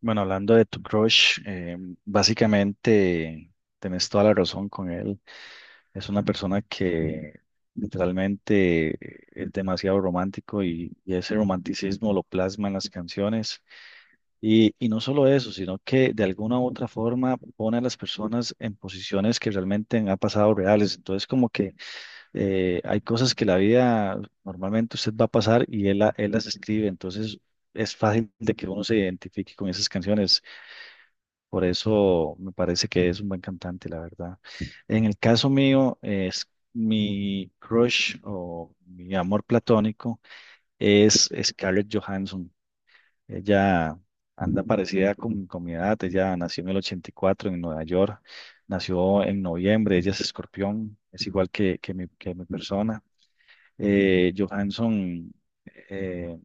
Bueno, hablando de tu crush, básicamente tenés toda la razón con él. Es una persona que literalmente es demasiado romántico y ese romanticismo lo plasma en las canciones. Y no solo eso, sino que de alguna u otra forma pone a las personas en posiciones que realmente han pasado reales. Entonces, como que hay cosas que la vida normalmente usted va a pasar y él las escribe. Entonces, es fácil de que uno se identifique con esas canciones. Por eso me parece que es un buen cantante, la verdad. En el caso mío, es mi crush o mi amor platónico es Scarlett Johansson. Ella anda parecida con mi edad. Ella nació en el 84 en Nueva York. Nació en noviembre. Ella es escorpión. Es igual que mi persona. Johansson eh,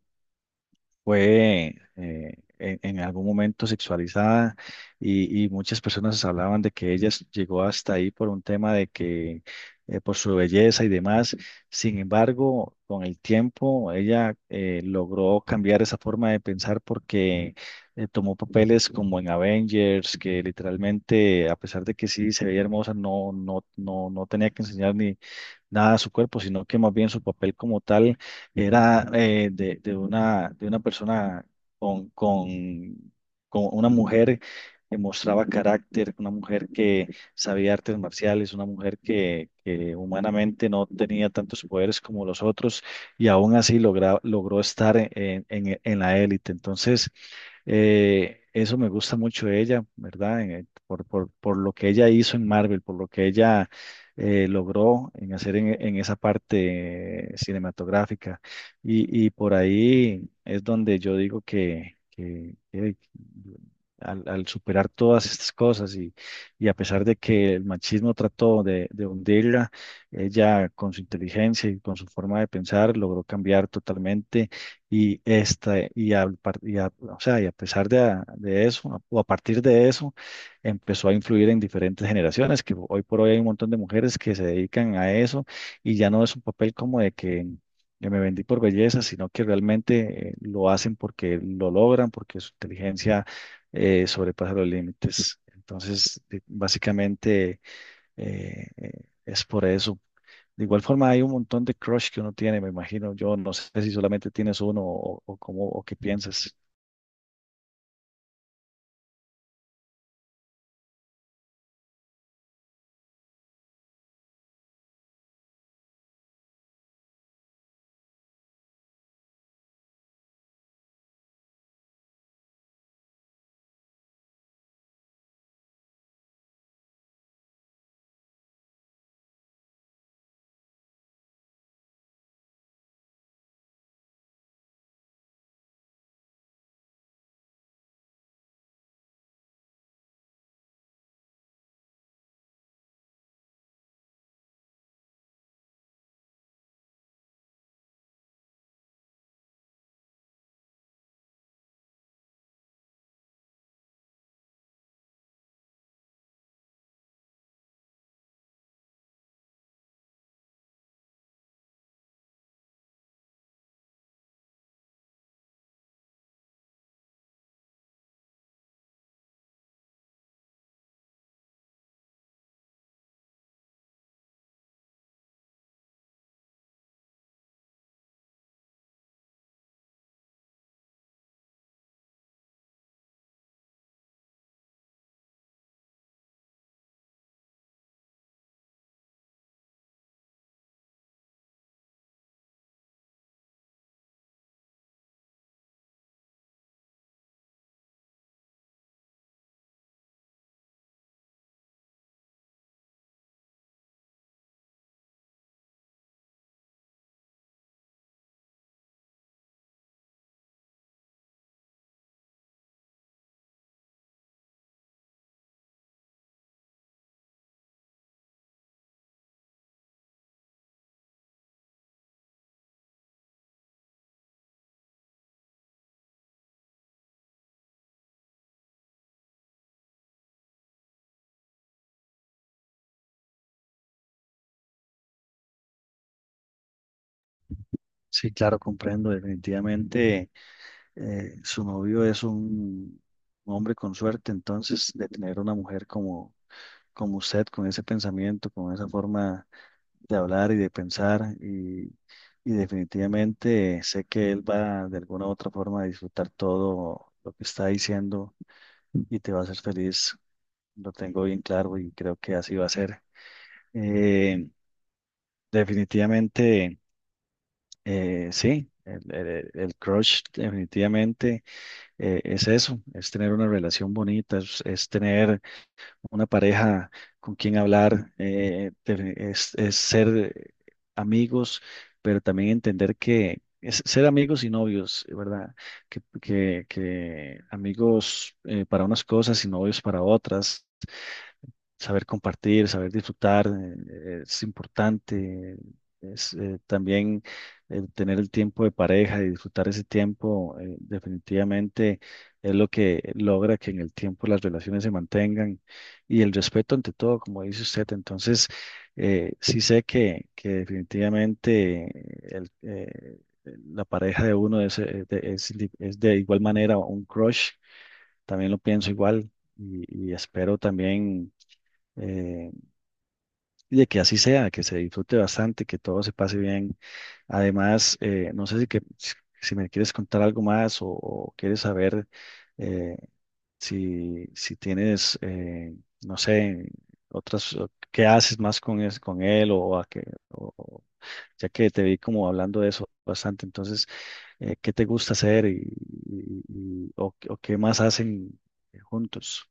fue en algún momento sexualizada y muchas personas hablaban de que ella llegó hasta ahí por un tema de que por su belleza y demás. Sin embargo, con el tiempo ella logró cambiar esa forma de pensar porque tomó papeles como en Avengers, que literalmente, a pesar de que sí se veía hermosa, no tenía que enseñar ni nada a su cuerpo, sino que más bien su papel como tal era de una persona con, con, con una mujer que mostraba carácter, una mujer que sabía artes marciales, una mujer que humanamente no tenía tantos poderes como los otros y aún así logró estar en la élite. Entonces, eso me gusta mucho de ella, ¿verdad? Por lo que ella hizo en Marvel, por lo que ella logró en hacer en esa parte cinematográfica. Y por ahí es donde yo digo que, al superar todas estas cosas y a pesar de que el machismo trató de hundirla, ella con su inteligencia y con su forma de pensar logró cambiar totalmente y esta y, a, par- y a- o sea, y a pesar de eso, o a partir de eso, empezó a influir en diferentes generaciones, que hoy por hoy hay un montón de mujeres que se dedican a eso y ya no es un papel como de que yo me vendí por belleza, sino que realmente lo hacen porque lo logran, porque su inteligencia sobrepasa los límites. Entonces, básicamente eh, eh, es por eso. De igual forma, hay un montón de crush que uno tiene, me imagino. Yo no sé si solamente tienes uno o cómo o qué piensas. Sí, claro, comprendo. Definitivamente su novio es un, hombre con suerte, entonces de tener una mujer como usted, con ese pensamiento, con esa forma de hablar y de pensar, y definitivamente sé que él va de alguna u otra forma a disfrutar todo lo que está diciendo y te va a hacer feliz, lo tengo bien claro y creo que así va a ser. Eh, Definitivamente, sí, el crush definitivamente. Es eso, es tener una relación bonita, es tener una pareja con quien hablar, es ser eh, amigos, pero también entender que es ser amigos y novios, ¿verdad? Que amigos para unas cosas y novios para otras, saber compartir, saber disfrutar, es importante. Es, también el tener el tiempo de pareja y disfrutar ese tiempo, definitivamente es lo que logra que en el tiempo las relaciones se mantengan y el respeto ante todo, como dice usted. Entonces, sí sé que definitivamente el, eh, la pareja de uno es de igual manera un crush, también lo pienso igual y y espero también eh, y de que así sea, que se disfrute bastante, que todo se pase bien. Además, no sé si si me quieres contar algo más o quieres saber eh, si tienes, no sé, otras, o qué haces más con él o a qué, o- o- ya que te vi como hablando de eso bastante, entonces, ¿qué te gusta hacer o qué más hacen juntos?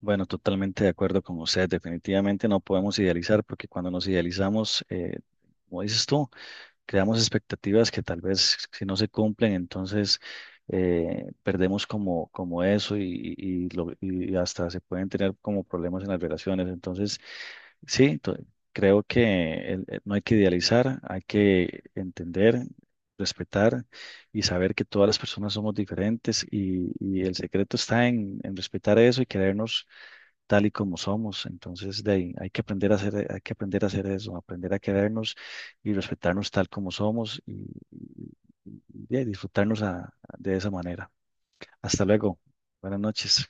Bueno, totalmente de acuerdo con usted. Definitivamente no podemos idealizar porque cuando nos idealizamos, como dices tú, creamos expectativas que tal vez si no se cumplen, entonces perdemos como, como eso y hasta se pueden tener como problemas en las relaciones. Entonces, sí, creo que no hay que idealizar, hay que entender, respetar y saber que todas las personas somos diferentes y el secreto está en respetar eso y querernos tal y como somos. Entonces, de ahí, hay que aprender a hacer, hay que aprender a hacer eso, aprender a querernos y respetarnos tal como somos y- y de ahí de esa manera. Hasta luego. Buenas noches.